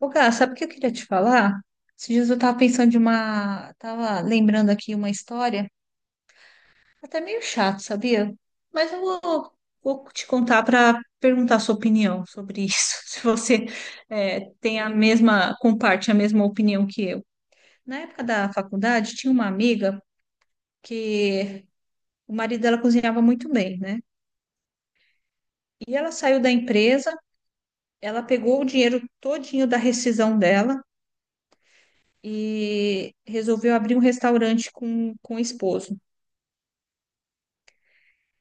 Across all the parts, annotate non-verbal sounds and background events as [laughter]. Ô, Gá, sabe o que eu queria te falar? Esses dias eu estava pensando de uma. Tava lembrando aqui uma história, até meio chato, sabia? Mas vou te contar para perguntar a sua opinião sobre isso, [laughs] se você tem a mesma, comparte a mesma opinião que eu. Na época da faculdade, tinha uma amiga que o marido dela cozinhava muito bem, né? E ela saiu da empresa, ela pegou o dinheiro todinho da rescisão dela e resolveu abrir um restaurante com o esposo.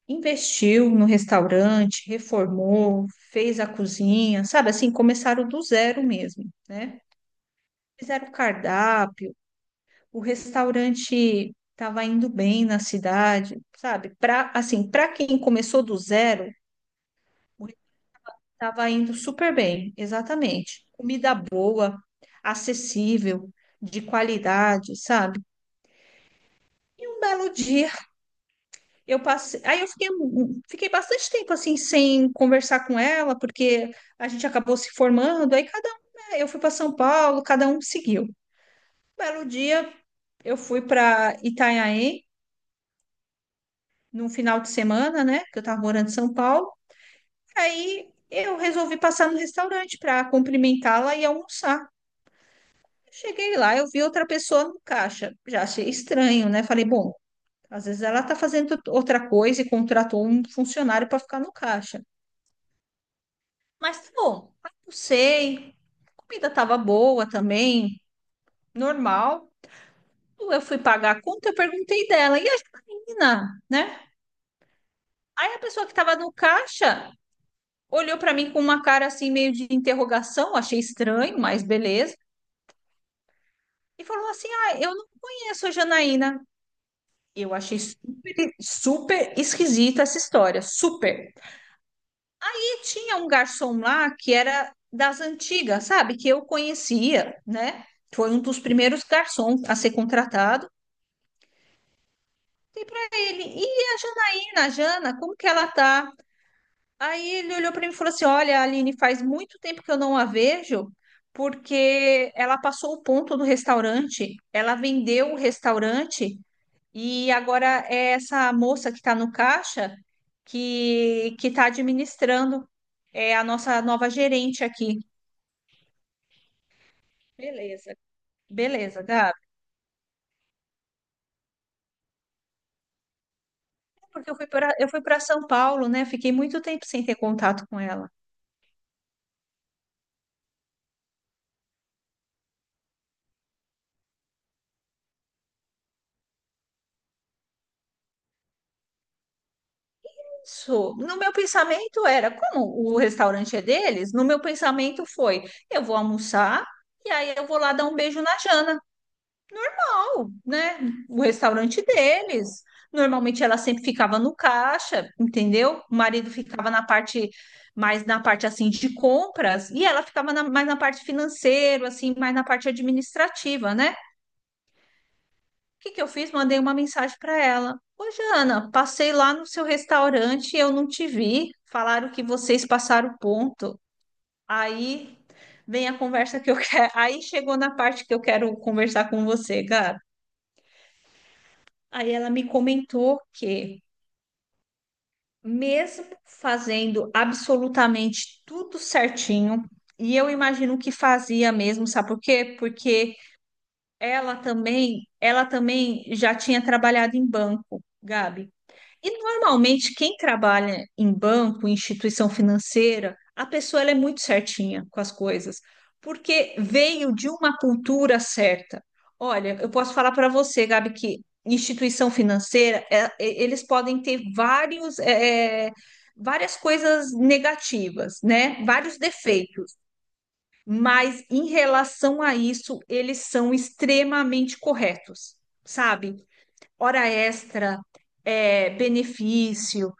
Investiu no restaurante, reformou, fez a cozinha, sabe assim, começaram do zero mesmo, né? Fizeram o cardápio, o restaurante estava indo bem na cidade, sabe? Para assim, para quem começou do zero, estava indo super bem, exatamente. Comida boa, acessível, de qualidade, sabe? E um belo dia eu passei, aí eu fiquei, fiquei bastante tempo assim sem conversar com ela, porque a gente acabou se formando, aí cada um, né, eu fui para São Paulo, cada um seguiu. Um belo dia, eu fui para Itanhaém num final de semana, né, que eu estava morando em São Paulo. Aí eu resolvi passar no restaurante para cumprimentá-la e almoçar. Cheguei lá, eu vi outra pessoa no caixa. Já achei estranho, né? Falei, bom, às vezes ela está fazendo outra coisa e contratou um funcionário para ficar no caixa. Mas, pô, almocei, comida tava boa também, normal. Eu fui pagar a conta, eu perguntei dela, e a menina, né? Aí a pessoa que tava no caixa olhou pra mim com uma cara assim, meio de interrogação, achei estranho, mas beleza. E falou assim: "Ah, eu não conheço a Janaína". Eu achei super esquisita essa história, super. Tinha um garçom lá que era das antigas, sabe? Que eu conhecia, né? Foi um dos primeiros garçons a ser contratado. Dei para ele, e a Janaína, a Jana, como que ela tá? Aí ele olhou para mim e falou assim: "Olha, Aline, faz muito tempo que eu não a vejo, porque ela passou o ponto do restaurante, ela vendeu o restaurante, e agora é essa moça que está no caixa que está administrando, é a nossa nova gerente aqui". Beleza, beleza, Gabi. É. Porque eu fui para São Paulo, né? Fiquei muito tempo sem ter contato com ela. Isso. No meu pensamento era, como o restaurante é deles, no meu pensamento foi, eu vou almoçar e aí eu vou lá dar um beijo na Jana, ó, né? O restaurante deles. Normalmente ela sempre ficava no caixa, entendeu? O marido ficava na parte mais na parte assim de compras e ela ficava na- mais na parte financeira, assim, mais na parte administrativa, né? O que que eu fiz? Mandei uma mensagem para ela. Ô, Jana, passei lá no seu restaurante e eu não te vi. Falaram que vocês passaram o ponto. Aí vem a conversa que eu [laughs] quero. Aí chegou na parte que eu quero conversar com você, Gabi. Aí ela me comentou que, mesmo fazendo absolutamente tudo certinho, e eu imagino que fazia mesmo, sabe por quê? Porque ela também já tinha trabalhado em banco, Gabi. E normalmente quem trabalha em banco, em instituição financeira, a pessoa ela é muito certinha com as coisas, porque veio de uma cultura certa. Olha, eu posso falar para você, Gabi, que instituição financeira, eles podem ter vários, várias coisas negativas, né? Vários defeitos, mas em relação a isso, eles são extremamente corretos, sabe? Hora extra, é, benefício,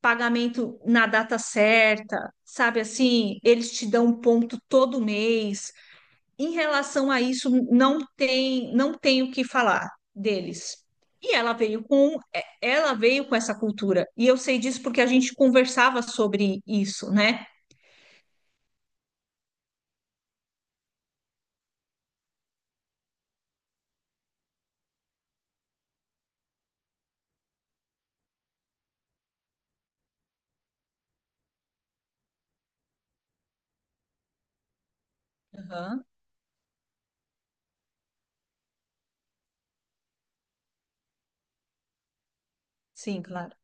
pagamento na data certa, sabe assim, eles te dão um ponto todo mês. Em relação a isso, não tem o que falar deles. E ela veio com, é, ela veio com essa cultura. E eu sei disso porque a gente conversava sobre isso, né? Aham. Sim, claro.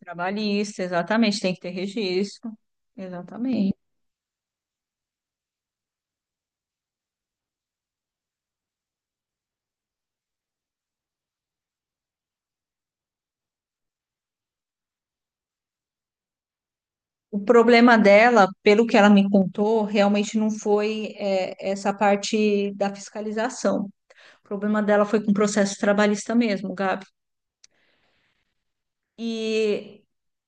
Trabalhista, exatamente, tem que ter registro. Exatamente. O problema dela, pelo que ela me contou, realmente não foi, é, essa parte da fiscalização. O problema dela foi com o processo trabalhista mesmo, Gabi. E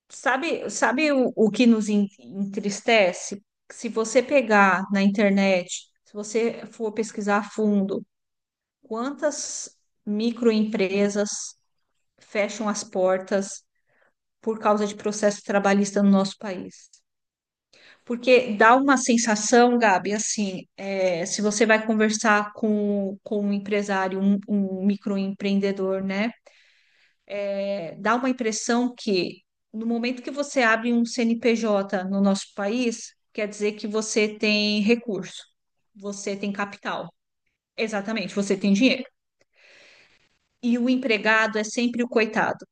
sabe, sabe o que nos en- entristece? Se você pegar na internet, se você for pesquisar a fundo, quantas microempresas fecham as portas por causa de processo trabalhista no nosso país? Porque dá uma sensação, Gabi, assim, é, se você vai conversar com um empresário, um microempreendedor, né? É, dá uma impressão que no momento que você abre um CNPJ no nosso país, quer dizer que você tem recurso, você tem capital. Exatamente, você tem dinheiro. E o empregado é sempre o coitado,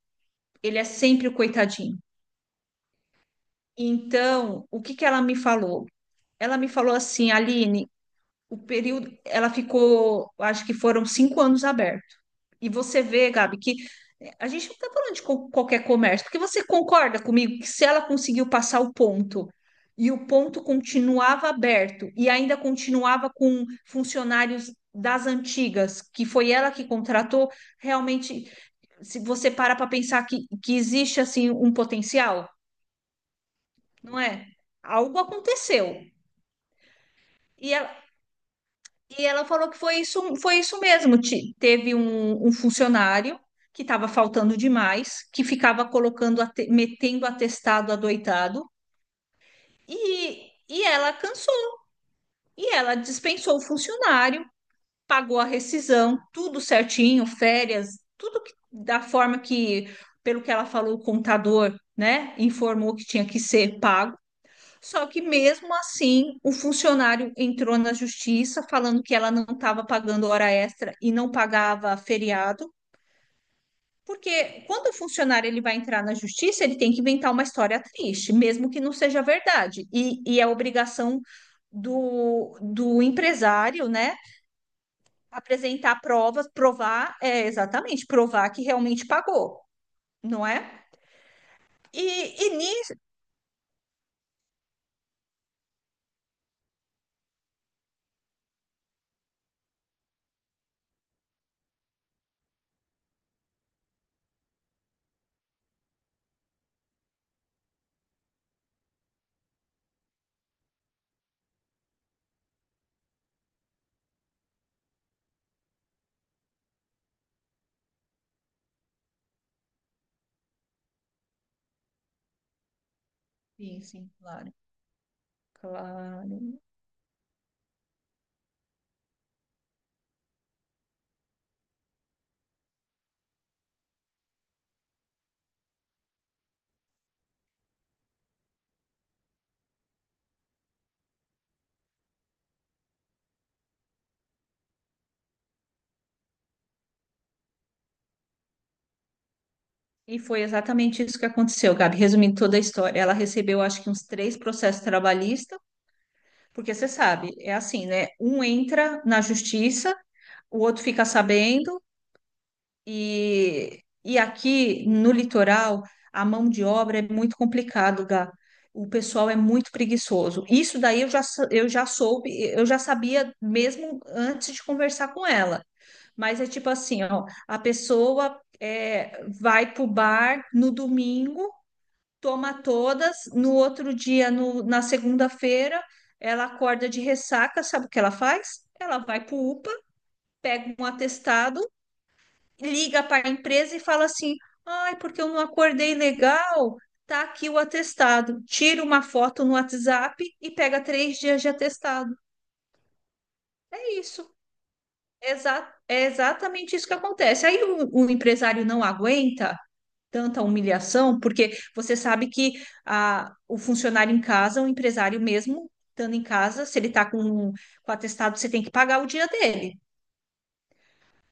ele é sempre o coitadinho. Então, o que que ela me falou? Ela me falou assim, Aline, o período, ela ficou, acho que foram 5 anos aberto. E você vê, Gabi, que eh, a gente não está falando de co- qualquer comércio, porque você concorda comigo que se ela conseguiu passar o ponto e o ponto continuava aberto e ainda continuava com funcionários das antigas, que foi ela que contratou, realmente, se você para pensar que existe assim um potencial, não é? Algo aconteceu. E, a- E ela falou que foi isso mesmo. Ti- Teve um funcionário que estava faltando demais, que ficava colocando, ate- metendo atestado adoitado, e ela cansou. E ela dispensou o funcionário, pagou a rescisão, tudo certinho, férias, tudo que- da forma que, pelo que ela falou, o contador, né, informou que tinha que ser pago. Só que mesmo assim, o funcionário entrou na justiça falando que ela não estava pagando hora extra e não pagava feriado, porque quando o funcionário ele vai entrar na justiça, ele tem que inventar uma história triste, mesmo que não seja verdade. E é obrigação do empresário, né, apresentar provas, provar, é, exatamente, provar que realmente pagou, não é? E, e nisso. Sim, sim, claro, claro. E foi exatamente isso que aconteceu, Gabi. Resumindo toda a história, ela recebeu acho que uns três processos trabalhistas, porque você sabe, é assim, né? Um entra na justiça, o outro fica sabendo, e aqui no litoral a mão de obra é muito complicado, Gá. O pessoal é muito preguiçoso. Isso daí eu já, sa- eu já soube, eu já sabia mesmo antes de conversar com ela. Mas é tipo assim, ó, a pessoa é, vai pro bar no domingo, toma todas, no outro dia, no- na segunda-feira, ela acorda de ressaca, sabe o que ela faz? Ela vai para o UPA, pega um atestado, liga para a empresa e fala assim: "Ai, porque eu não acordei legal, tá aqui o atestado". Tira uma foto no WhatsApp e pega 3 dias de atestado. É isso. É exa- é exatamente isso que acontece. Aí o empresário não aguenta tanta humilhação, porque você sabe que a, o funcionário em casa, o empresário mesmo, estando em casa, se ele está com atestado, você tem que pagar o dia dele.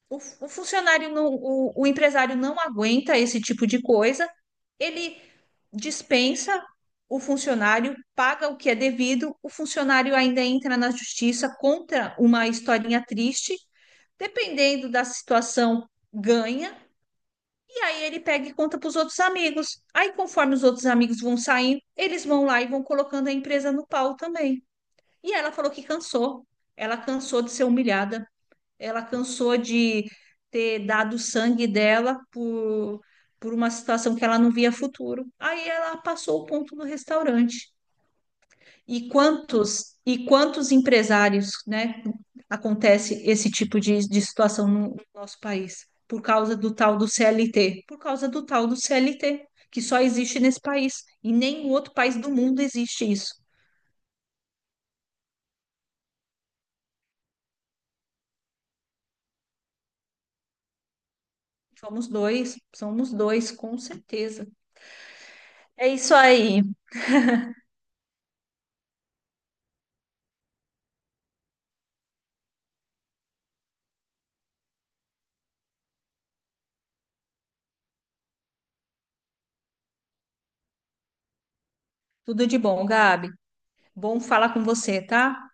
O, fu- o funcionário, não, o empresário não aguenta esse tipo de coisa, ele dispensa o funcionário, paga o que é devido, o funcionário ainda entra na justiça contra uma historinha triste, dependendo da situação, ganha e aí ele pega e conta para os outros amigos. Aí, conforme os outros amigos vão saindo, eles vão lá e vão colocando a empresa no pau também. E ela falou que cansou. Ela cansou de ser humilhada. Ela cansou de ter dado o sangue dela por uma situação que ela não via futuro. Aí ela passou o ponto no restaurante. E quantos empresários, né, acontece esse tipo de situação no nosso país por causa do tal do CLT, por causa do tal do CLT que só existe nesse país e nenhum outro país do mundo existe isso. Somos dois, com certeza. É isso aí. Tudo de bom, Gabi. Bom falar com você, tá?